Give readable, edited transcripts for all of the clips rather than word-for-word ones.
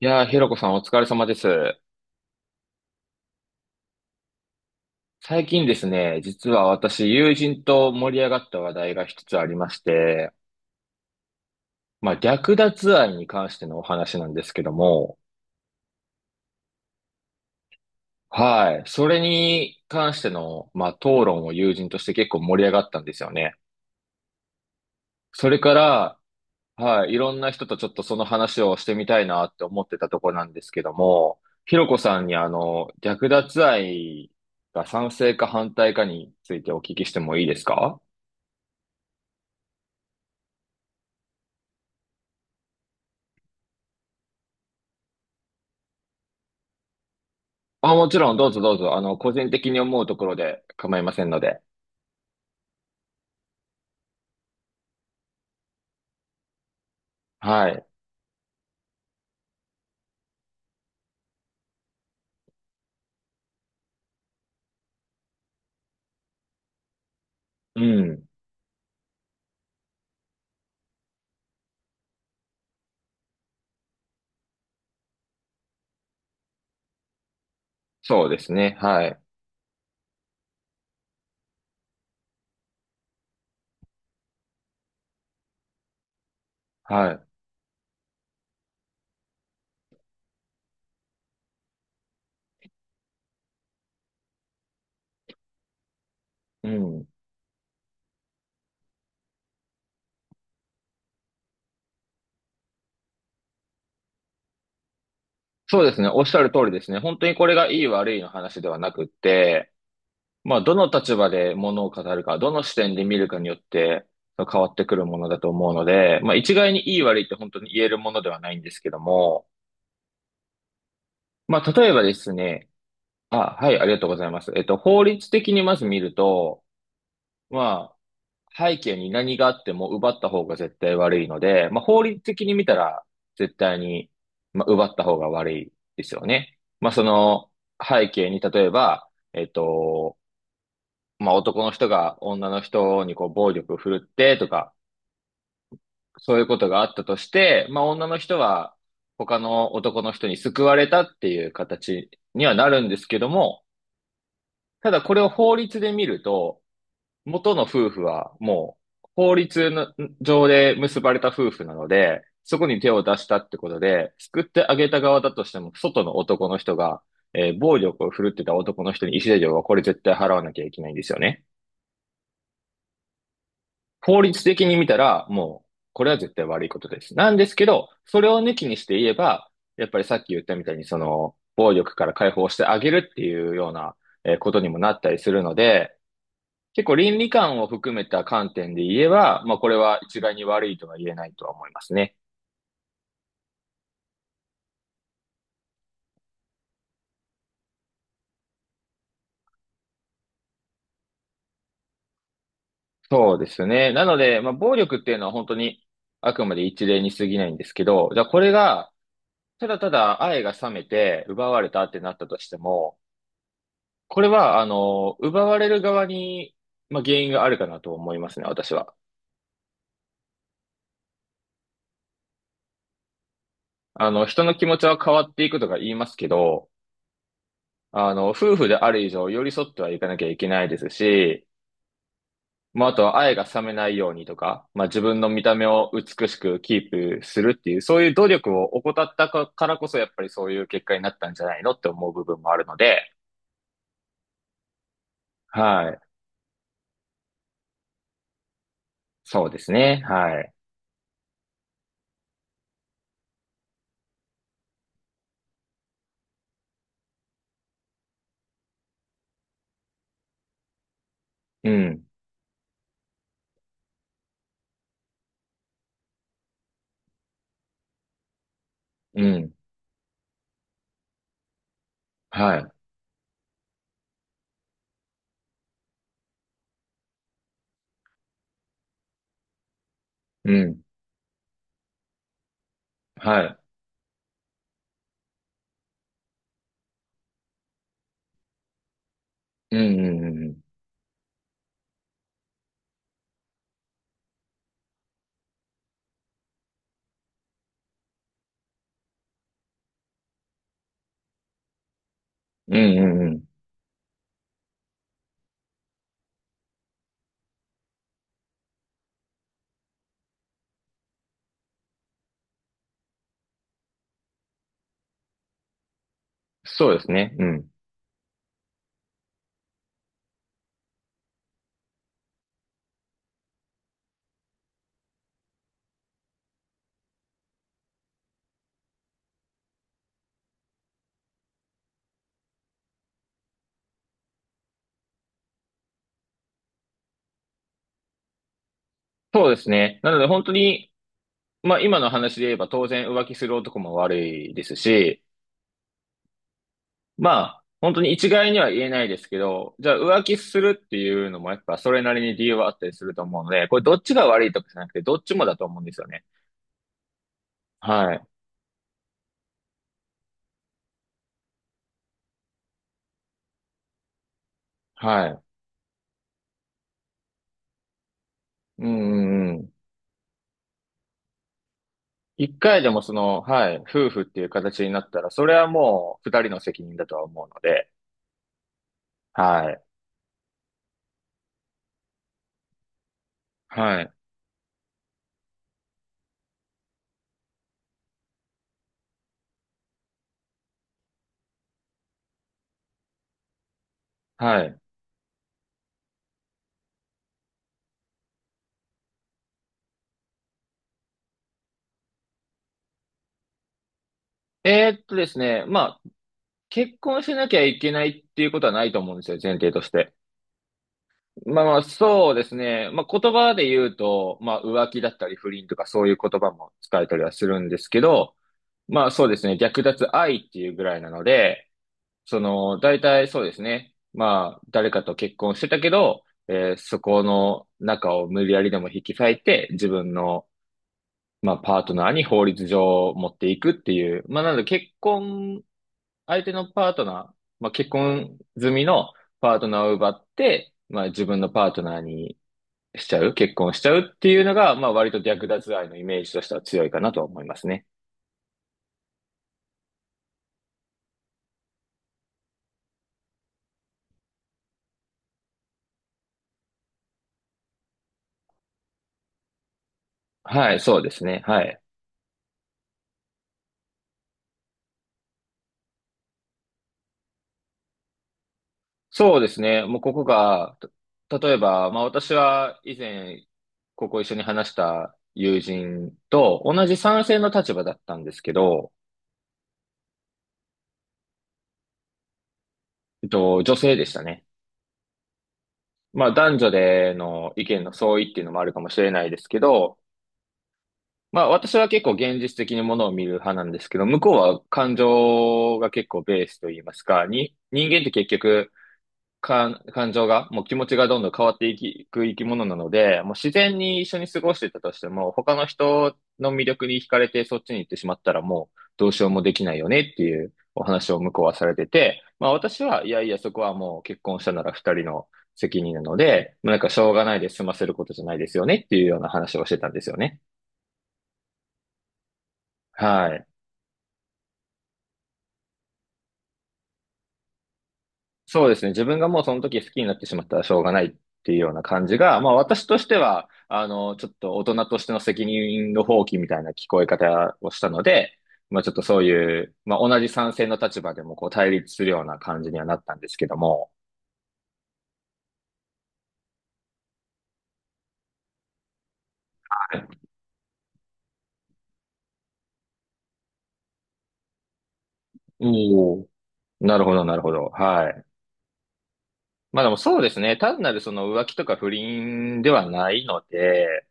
いやー、ひろこさんお疲れ様です。最近ですね、実は私、友人と盛り上がった話題が一つありまして、略奪愛に関してのお話なんですけども、はい。それに関しての、討論を友人として結構盛り上がったんですよね。それから、はい。いろんな人とちょっとその話をしてみたいなって思ってたとこなんですけども、ひろこさんに略奪愛が賛成か反対かについてお聞きしてもいいですか？もちろん、どうぞどうぞ、個人的に思うところで構いませんので。はい。うん。そうですね。はい。はい。うん。そうですね。おっしゃる通りですね。本当にこれがいい悪いの話ではなくって、どの立場で物を語るか、どの視点で見るかによって、変わってくるものだと思うので、一概にいい悪いって本当に言えるものではないんですけども、例えばですね、はい、ありがとうございます。法律的にまず見ると、まあ、背景に何があっても奪った方が絶対悪いので、法律的に見たら絶対に、奪った方が悪いですよね。その背景に例えば、男の人が女の人にこう暴力を振るってとか、そういうことがあったとして、女の人は他の男の人に救われたっていう形にはなるんですけども、ただこれを法律で見ると、元の夫婦はもう法律の上で結ばれた夫婦なので、そこに手を出したってことで、救ってあげた側だとしても、外の男の人が、暴力を振るってた男の人に慰謝料はこれ絶対払わなきゃいけないんですよね。法律的に見たら、もう、これは絶対悪いことです。なんですけど、それを抜きにして言えば、やっぱりさっき言ったみたいに、その、暴力から解放してあげるっていうような、ことにもなったりするので、結構倫理観を含めた観点で言えば、まあこれは一概に悪いとは言えないとは思いますね。そうですね。なので、まあ暴力っていうのは本当にあくまで一例に過ぎないんですけど、じゃあこれが、ただただ愛が冷めて奪われたってなったとしても、これは、奪われる側に、まあ原因があるかなと思いますね、私は。人の気持ちは変わっていくとか言いますけど、夫婦である以上寄り添ってはいかなきゃいけないですし、あとは愛が冷めないようにとか、自分の見た目を美しくキープするっていう、そういう努力を怠ったからこそ、やっぱりそういう結果になったんじゃないのって思う部分もあるので、はい。そうですね。はい。うん。うん。はい。うん。はい。うん。うん。うん。うん。うんうんそうですね。うん。そうですね。なので本当に、まあ今の話で言えば当然浮気する男も悪いですし、ま本当に一概には言えないですけど、じゃあ浮気するっていうのもやっぱそれなりに理由はあったりすると思うので、これどっちが悪いとかじゃなくて、どっちもだと思うんですよね。はい。はい。うんうんうん。一回でもその、はい、夫婦っていう形になったら、それはもう二人の責任だとは思うので、はい。はい。はい。ですね、結婚しなきゃいけないっていうことはないと思うんですよ、前提として。まあまあ、そうですね。言葉で言うと、浮気だったり不倫とかそういう言葉も使えたりはするんですけど、まあそうですね。略奪愛っていうぐらいなので、その、大体そうですね。誰かと結婚してたけど、そこの中を無理やりでも引き裂いて、自分の、パートナーに法律上持っていくっていう。まあ、なので結婚、相手のパートナー、結婚済みのパートナーを奪って、自分のパートナーにしちゃう、結婚しちゃうっていうのが、まあ割と略奪愛のイメージとしては強いかなとは思いますね。はい、そうですね。はい。そうですね。もうここが、た例えば、まあ私は以前、ここ一緒に話した友人と同じ賛成の立場だったんですけど、女性でしたね。まあ男女での意見の相違っていうのもあるかもしれないですけど、まあ私は結構現実的にものを見る派なんですけど、向こうは感情が結構ベースといいますか、に、人間って結局、感情が、もう気持ちがどんどん変わっていく生き物なので、もう自然に一緒に過ごしてたとしても、他の人の魅力に惹かれてそっちに行ってしまったらもうどうしようもできないよねっていうお話を向こうはされてて、まあ私はいやいやそこはもう結婚したなら二人の責任なので、まあなんかしょうがないで済ませることじゃないですよねっていうような話をしてたんですよね。はい。そうですね。自分がもうその時好きになってしまったらしょうがないっていうような感じが、まあ私としては、ちょっと大人としての責任の放棄みたいな聞こえ方をしたので、まあちょっとそういう、まあ同じ賛成の立場でもこう対立するような感じにはなったんですけども。おお。なるほど、なるほど。はい。まあでもそうですね。単なるその浮気とか不倫ではないので、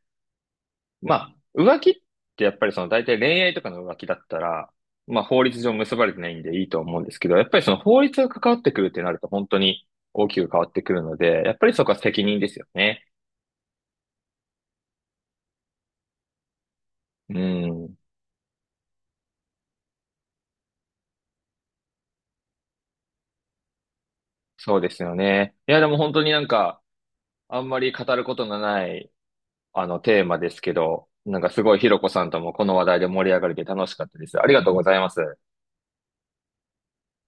浮気ってやっぱりその大体恋愛とかの浮気だったら、まあ法律上結ばれてないんでいいと思うんですけど、やっぱりその法律が関わってくるってなると本当に大きく変わってくるので、やっぱりそこは責任ですよね。うん、そうですよね。いや、でも本当になんか、あんまり語ることのない、テーマですけど、なんかすごいひろこさんともこの話題で盛り上がれて楽しかったです。ありがとうございます。